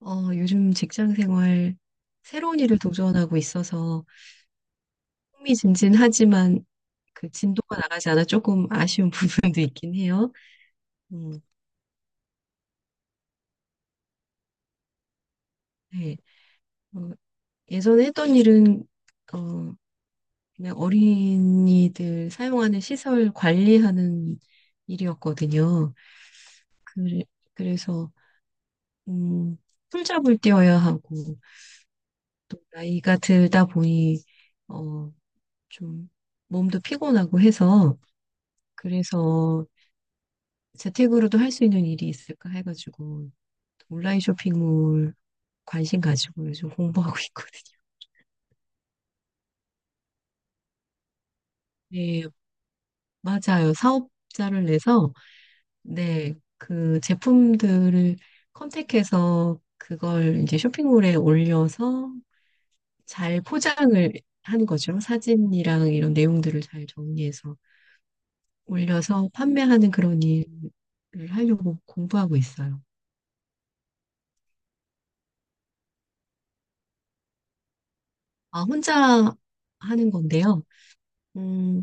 요즘 직장 생활 새로운 일을 도전하고 있어서 흥미진진하지만 그 진도가 나가지 않아 조금 아쉬운 부분도 있긴 해요. 음, 네. 어, 예전에 했던 일은 어, 그냥 어린이들 사용하는 시설 관리하는 일이었거든요. 그, 그래서 음, 풀잡을 뛰어야 하고 또 나이가 들다 보니 어, 좀 몸도 피곤하고 해서 그래서 재택으로도 할 수 있는 일이 있을까 해가지고 온라인 쇼핑몰 관심 가지고 요즘 공부하고 있거든요. 네, 맞아요. 사업자를 내서 네, 그 제품들을 컨택해서 그걸 이제 쇼핑몰에 올려서 잘 포장을 하는 거죠. 사진이랑 이런 내용들을 잘 정리해서 올려서 판매하는 그런 일을 하려고 공부하고 있어요. 아, 혼자 하는 건데요. 음,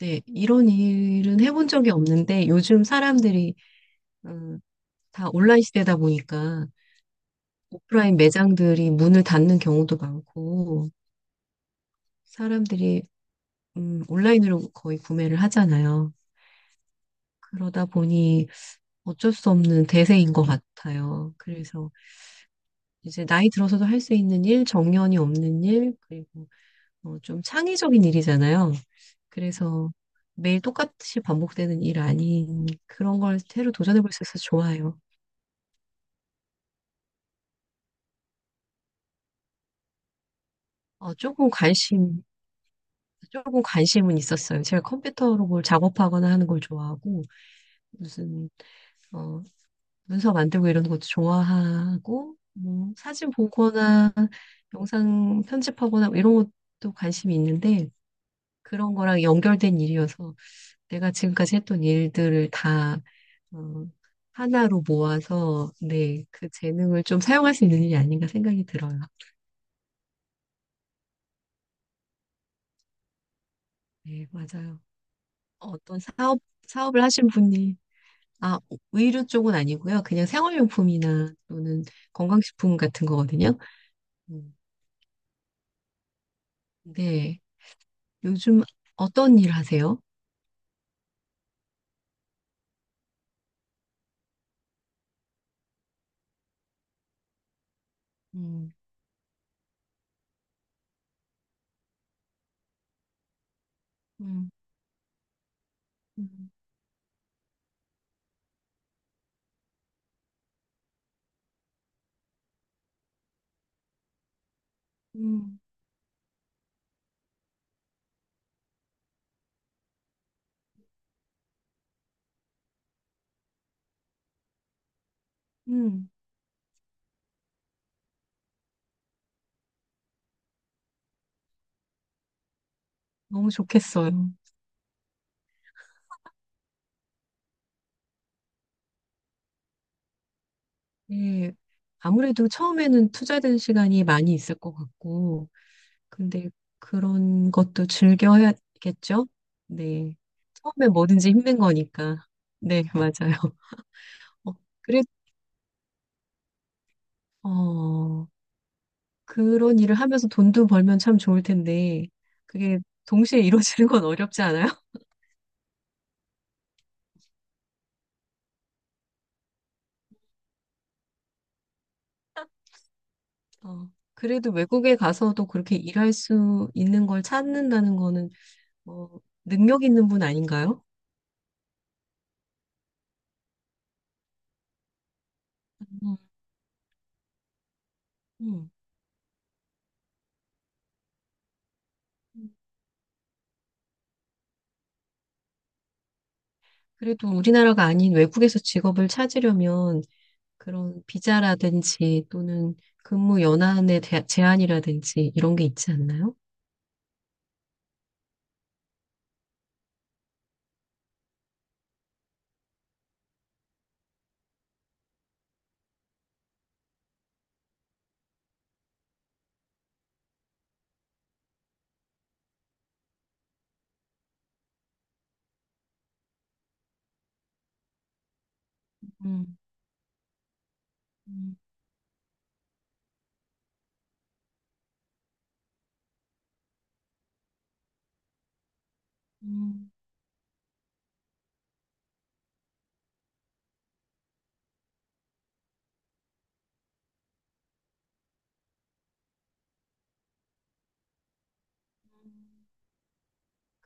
네, 이런 일은 해본 적이 없는데 요즘 사람들이 음, 다 온라인 시대다 보니까 오프라인 매장들이 문을 닫는 경우도 많고 사람들이 온라인으로 거의 구매를 하잖아요. 그러다 보니 어쩔 수 없는 대세인 것 같아요. 그래서 이제 나이 들어서도 할 수 있는 일, 정년이 없는 일, 그리고 좀 창의적인 일이잖아요. 그래서 매일 똑같이 반복되는 일 아닌 그런 걸 새로 도전해볼 수 있어서 좋아요. 어, 조금 관심, 조금 관심은 있었어요. 제가 컴퓨터로 뭘 작업하거나 하는 걸 좋아하고, 무슨, 어, 문서 만들고 이런 것도 좋아하고, 뭐, 사진 보거나 영상 편집하거나 뭐 이런 것도 관심이 있는데, 그런 거랑 연결된 일이어서 내가 지금까지 했던 일들을 다, 어, 하나로 모아서, 네, 그 재능을 좀 사용할 수 있는 일이 아닌가 생각이 들어요. 네, 맞아요. 어떤 사업, 사업을 하신 분이. 아, 의류 쪽은 아니고요. 그냥 생활용품이나 또는 건강식품 같은 거거든요. 음, 네. 요즘 어떤 일 하세요? 음, 음, 음, 음, 음. 너무 좋겠어요. 네. 아무래도 처음에는 투자된 시간이 많이 있을 것 같고, 근데 그런 것도 즐겨야겠죠? 네. 처음에 뭐든지 힘든 거니까. 네, 맞아요. 어, 그래, 어. 그런 일을 하면서 돈도 벌면 참 좋을 텐데, 그게 동시에 이루어지는 건 어렵지 않아요? 어, 그래도 외국에 가서도 그렇게 일할 수 있는 걸 찾는다는 거는, 뭐 능력 있는 분 아닌가요? 음, 음. 그래도 우리나라가 아닌 외국에서 직업을 찾으려면 그런 비자라든지 또는 근무 연한의 제한이라든지 이런 게 있지 않나요? 음, 음, 음.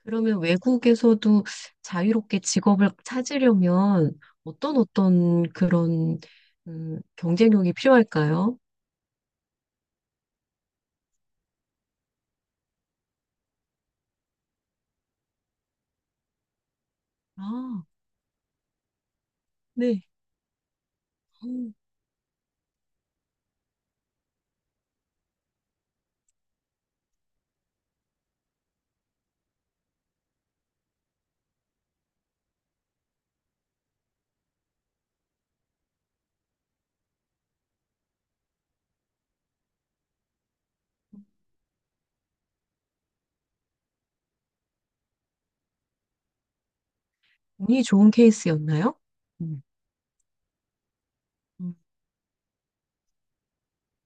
그러면 외국에서도 자유롭게 직업을 찾으려면 어떤 그런 경쟁력이 필요할까요? 아, 네. 음, 운이 좋은 케이스였나요? 음. 음,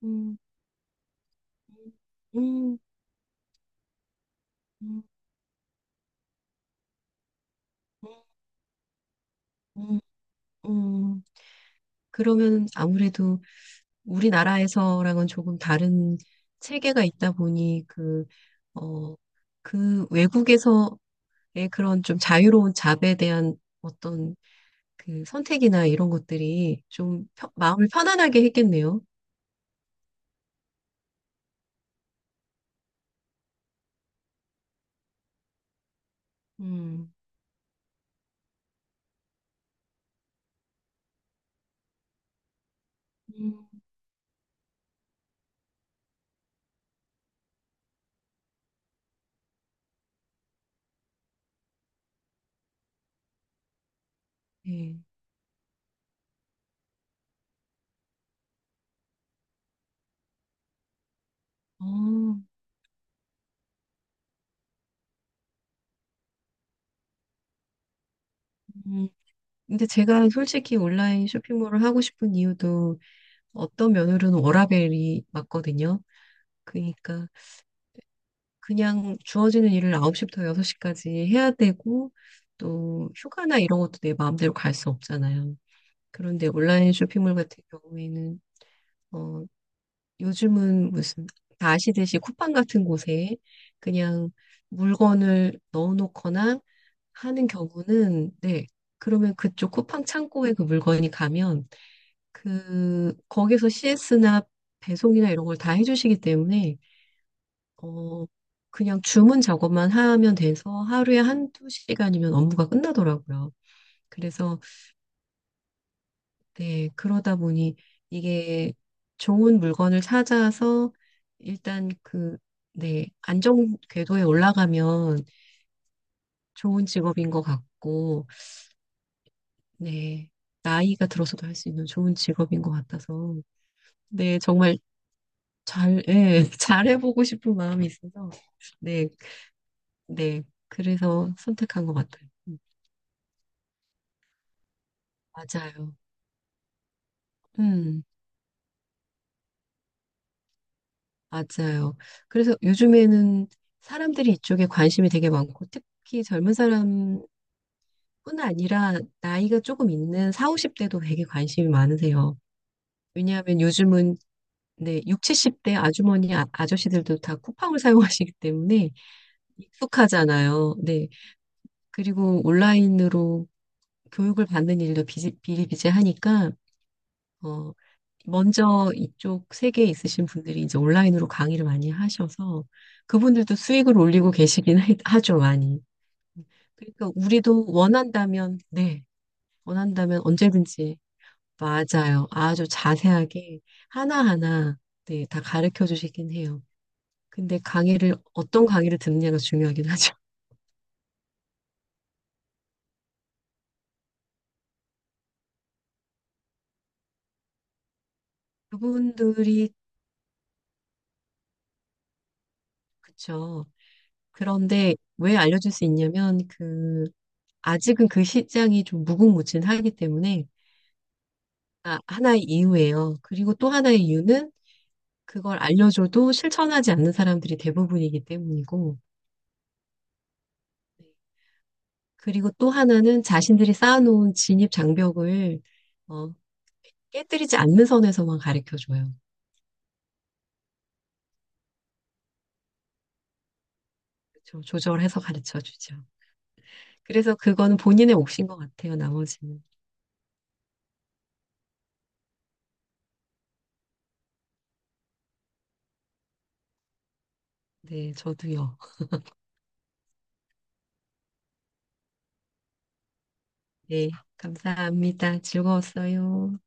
음, 음, 음, 음, 음. 그러면 아무래도 우리나라에서랑은 조금 다른 체계가 있다 보니 어, 그 외국에서의 그런 좀 자유로운 잡에 대한 어떤 그 선택이나 이런 것들이 좀 마음을 편안하게 했겠네요. 음, 음, 네. 어, 음. 근데 제가 솔직히 온라인 쇼핑몰을 하고 싶은 이유도 어떤 면으로는 워라밸이 맞거든요. 그러니까 그냥 주어지는 일을 9시부터 6시까지 해야 되고 또 휴가나 이런 것도 내 마음대로 갈 수 없잖아요. 그런데 온라인 쇼핑몰 같은 경우에는 어 요즘은 무슨 다 아시듯이 쿠팡 같은 곳에 그냥 물건을 넣어놓거나 하는 경우는 네. 그러면 그쪽 쿠팡 창고에 그 물건이 가면 거기서 CS나 배송이나 이런 걸 다 해주시기 때문에 어 그냥 주문 작업만 하면 돼서 하루에 한두 시간이면 업무가 끝나더라고요. 그래서 네, 그러다 보니 이게 좋은 물건을 찾아서 일단 네, 안정 궤도에 올라가면 좋은 직업인 것 같고, 네, 나이가 들어서도 할 수 있는 좋은 직업인 것 같아서, 네, 정말 예, 잘해보고 싶은 마음이 있어서, 네, 네, 그래서 선택한 것 같아요. 맞아요. 음, 맞아요. 그래서 요즘에는 사람들이 이쪽에 관심이 되게 많고, 특히 젊은 사람 뿐 아니라 나이가 조금 있는 4, 50대도 되게 관심이 많으세요. 왜냐하면 요즘은 네, 육 70대 아주머니, 아저씨들도 다 쿠팡을 사용하시기 때문에 익숙하잖아요. 네. 그리고 온라인으로 교육을 받는 일도 비일비재하니까, 어, 먼저 이쪽 세계에 있으신 분들이 이제 온라인으로 강의를 많이 하셔서 그분들도 수익을 올리고 계시긴 하죠, 많이. 그러니까 우리도 원한다면, 네, 원한다면 언제든지. 맞아요. 아주 자세하게 하나하나 네, 다 가르쳐 주시긴 해요. 근데 강의를 어떤 강의를 듣느냐가 중요하긴 하죠. 그분들이. 그쵸. 그런데 왜 알려줄 수 있냐면 아직은 그 시장이 좀 무궁무진하기 때문에. 아, 하나의 이유예요. 그리고 또 하나의 이유는 그걸 알려줘도 실천하지 않는 사람들이 대부분이기 때문이고 그리고 또 하나는 자신들이 쌓아놓은 진입 장벽을 어, 깨뜨리지 않는 선에서만 가르쳐 줘요. 그쵸? 조절해서 가르쳐 주죠. 그래서 그거는 본인의 몫인 것 같아요, 나머지는. 네, 저도요. 네, 감사합니다. 즐거웠어요.